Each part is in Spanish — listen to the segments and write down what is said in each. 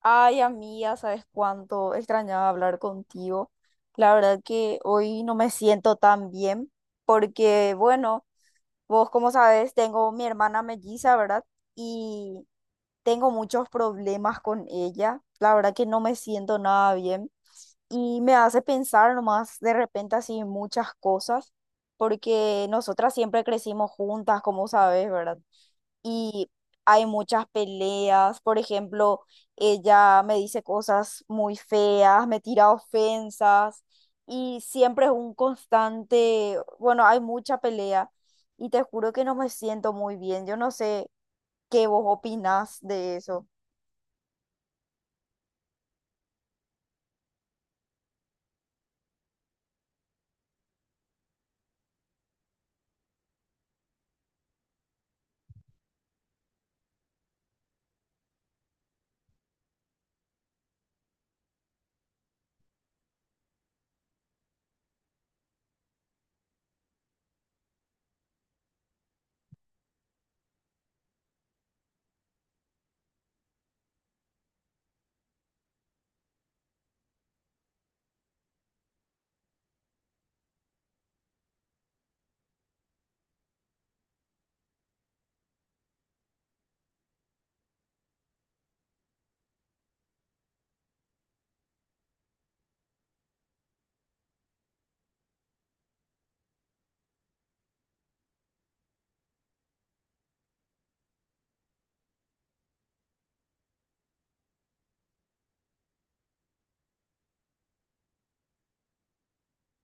Ay, amiga, ¿sabes cuánto extrañaba hablar contigo? La verdad que hoy no me siento tan bien porque, bueno, vos como sabes, tengo mi hermana melliza, ¿verdad? Y tengo muchos problemas con ella. La verdad que no me siento nada bien y me hace pensar nomás de repente así muchas cosas porque nosotras siempre crecimos juntas, como sabes, ¿verdad? Y hay muchas peleas. Por ejemplo, ella me dice cosas muy feas, me tira ofensas y siempre es un constante, bueno, hay mucha pelea y te juro que no me siento muy bien. Yo no sé qué vos opinás de eso.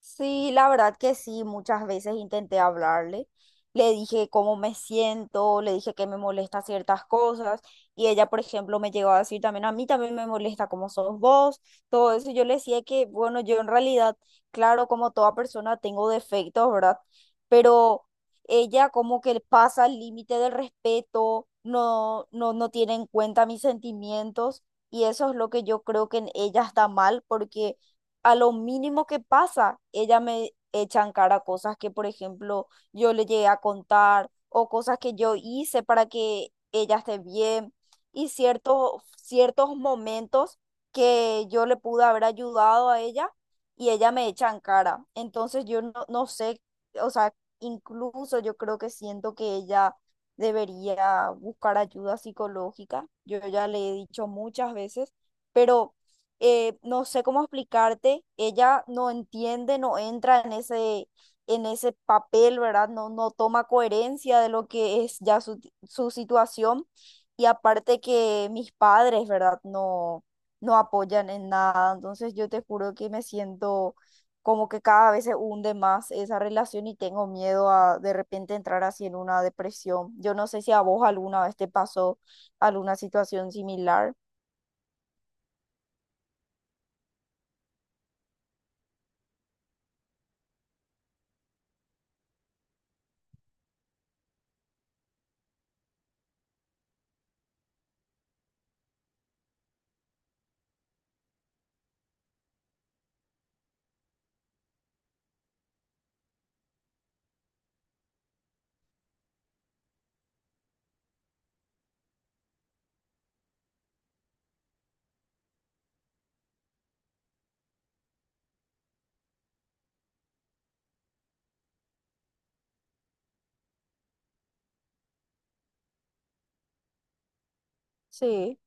Sí, la verdad que sí, muchas veces intenté hablarle. Le dije cómo me siento, le dije que me molesta ciertas cosas y ella, por ejemplo, me llegó a decir también, a mí también me molesta cómo sos vos, todo eso. Yo le decía que, bueno, yo en realidad, claro, como toda persona tengo defectos, ¿verdad? Pero ella como que pasa el límite del respeto, no tiene en cuenta mis sentimientos y eso es lo que yo creo que en ella está mal porque a lo mínimo que pasa, ella me echa en cara cosas que, por ejemplo, yo le llegué a contar o cosas que yo hice para que ella esté bien y ciertos momentos que yo le pude haber ayudado a ella y ella me echa en cara. Entonces yo no sé, o sea, incluso yo creo que siento que ella debería buscar ayuda psicológica. Yo ya le he dicho muchas veces, pero no sé cómo explicarte, ella no entiende, no entra en ese papel, ¿verdad? No, no toma coherencia de lo que es ya su situación. Y aparte que mis padres, ¿verdad? No, no apoyan en nada. Entonces yo te juro que me siento como que cada vez se hunde más esa relación y tengo miedo a de repente entrar así en una depresión. Yo no sé si a vos alguna vez te pasó alguna situación similar. Sí,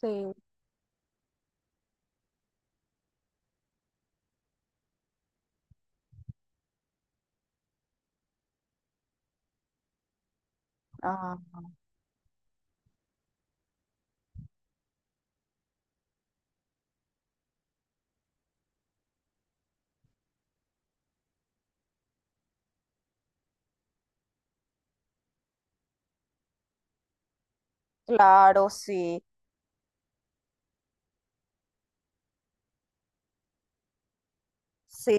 sí. Ajá. Claro, sí, sí,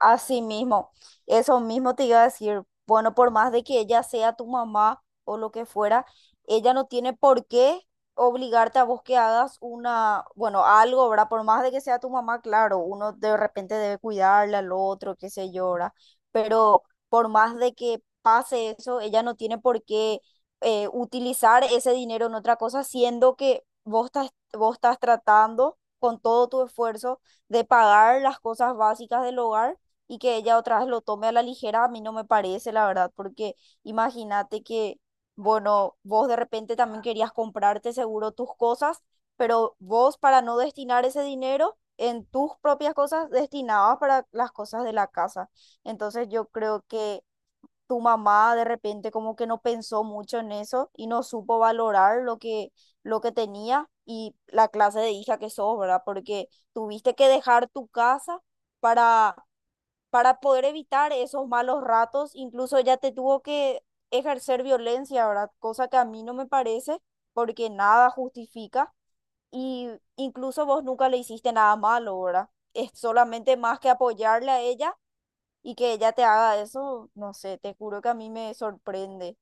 así mismo. Eso mismo te iba a decir. Bueno, por más de que ella sea tu mamá o lo que fuera, ella no tiene por qué obligarte a vos que hagas una, bueno, algo, ¿verdad? Por más de que sea tu mamá, claro, uno de repente debe cuidarle al otro, qué sé yo, ¿verdad? Pero por más de que pase eso, ella no tiene por qué utilizar ese dinero en otra cosa, siendo que vos estás tratando con todo tu esfuerzo de pagar las cosas básicas del hogar y que ella otra vez lo tome a la ligera, a mí no me parece, la verdad, porque imagínate que, bueno, vos de repente también querías comprarte seguro tus cosas, pero vos para no destinar ese dinero en tus propias cosas, destinabas para las cosas de la casa. Entonces yo creo que tu mamá de repente como que no pensó mucho en eso y no supo valorar lo que tenía y la clase de hija que sos, ¿verdad? Porque tuviste que dejar tu casa para, para poder evitar esos malos ratos, incluso ya te tuvo que ejercer violencia, ¿verdad? Cosa que a mí no me parece porque nada justifica y incluso vos nunca le hiciste nada malo, ¿verdad? Es solamente más que apoyarle a ella y que ella te haga eso, no sé, te juro que a mí me sorprende.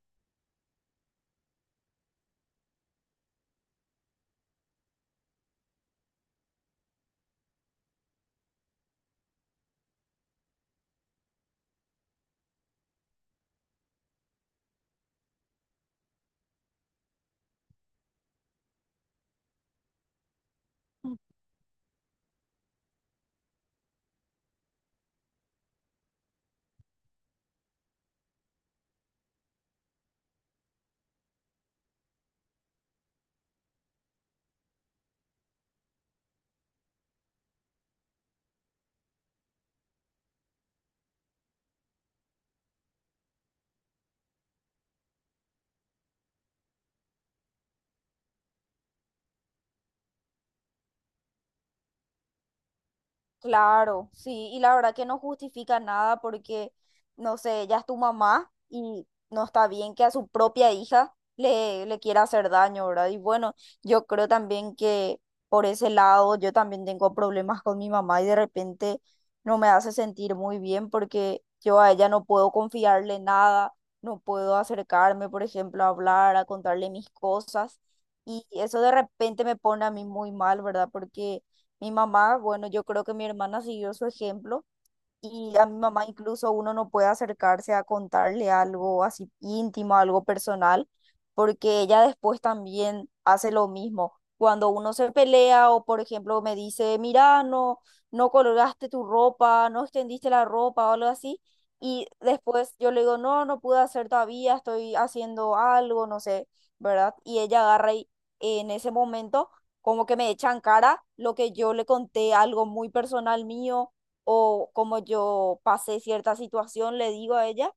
Claro, sí, y la verdad que no justifica nada porque, no sé, ya es tu mamá y no está bien que a su propia hija le quiera hacer daño, ¿verdad? Y bueno, yo creo también que por ese lado yo también tengo problemas con mi mamá y de repente no me hace sentir muy bien porque yo a ella no puedo confiarle nada, no puedo acercarme, por ejemplo, a hablar, a contarle mis cosas y eso de repente me pone a mí muy mal, ¿verdad? Porque mi mamá, bueno, yo creo que mi hermana siguió su ejemplo. Y a mi mamá incluso uno no puede acercarse a contarle algo así íntimo, algo personal, porque ella después también hace lo mismo. Cuando uno se pelea o, por ejemplo, me dice, mira, no, no colgaste tu ropa, no extendiste la ropa o algo así, y después yo le digo, no, no pude hacer todavía, estoy haciendo algo, no sé, ¿verdad? Y ella agarra y en ese momento como que me echa en cara lo que yo le conté, algo muy personal mío o como yo pasé cierta situación, le digo a ella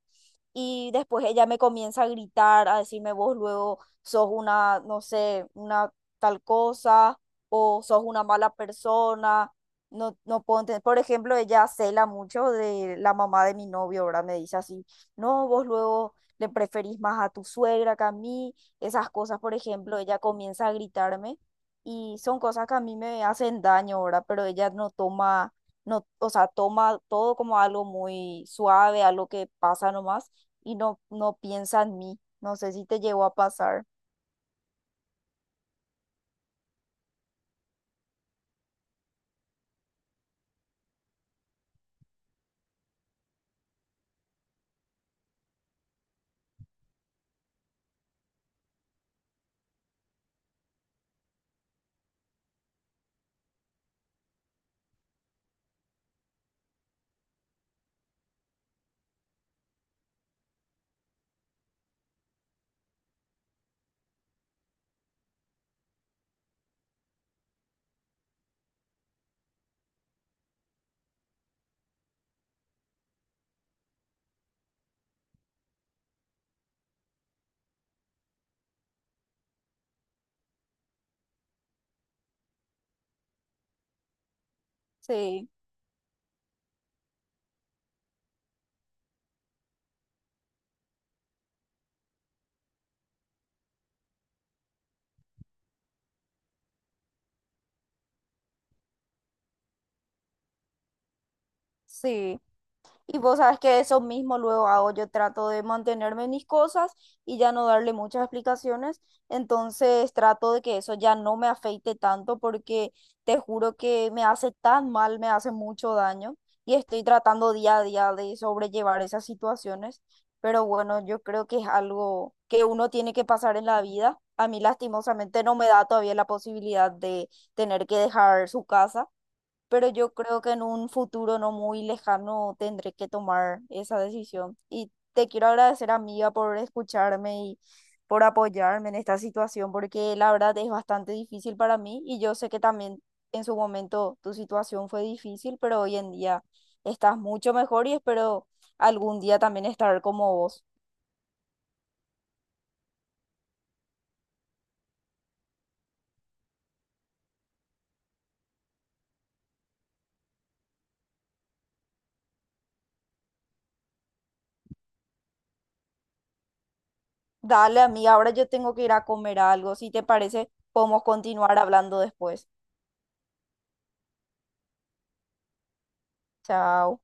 y después ella me comienza a gritar, a decirme vos luego sos una, no sé, una tal cosa o sos una mala persona. No, no puedo entender. Por ejemplo, ella cela mucho de la mamá de mi novio, ¿verdad? Me dice así, no, vos luego le preferís más a tu suegra que a mí. Esas cosas, por ejemplo, ella comienza a gritarme y son cosas que a mí me hacen daño, ¿verdad? Pero ella no toma, no, o sea, toma todo como algo muy suave, algo que pasa nomás y no, no piensa en mí. No sé si te llegó a pasar. Sí, sí. Y vos sabes que eso mismo luego hago, yo trato de mantenerme en mis cosas y ya no darle muchas explicaciones, entonces trato de que eso ya no me afeite tanto porque te juro que me hace tan mal, me hace mucho daño y estoy tratando día a día de sobrellevar esas situaciones, pero bueno, yo creo que es algo que uno tiene que pasar en la vida. A mí lastimosamente no me da todavía la posibilidad de tener que dejar su casa pero yo creo que en un futuro no muy lejano tendré que tomar esa decisión. Y te quiero agradecer, amiga, por escucharme y por apoyarme en esta situación, porque la verdad es bastante difícil para mí y yo sé que también en su momento tu situación fue difícil, pero hoy en día estás mucho mejor y espero algún día también estar como vos. Dale, amiga, ahora yo tengo que ir a comer algo. Si te parece, podemos continuar hablando después. Chao.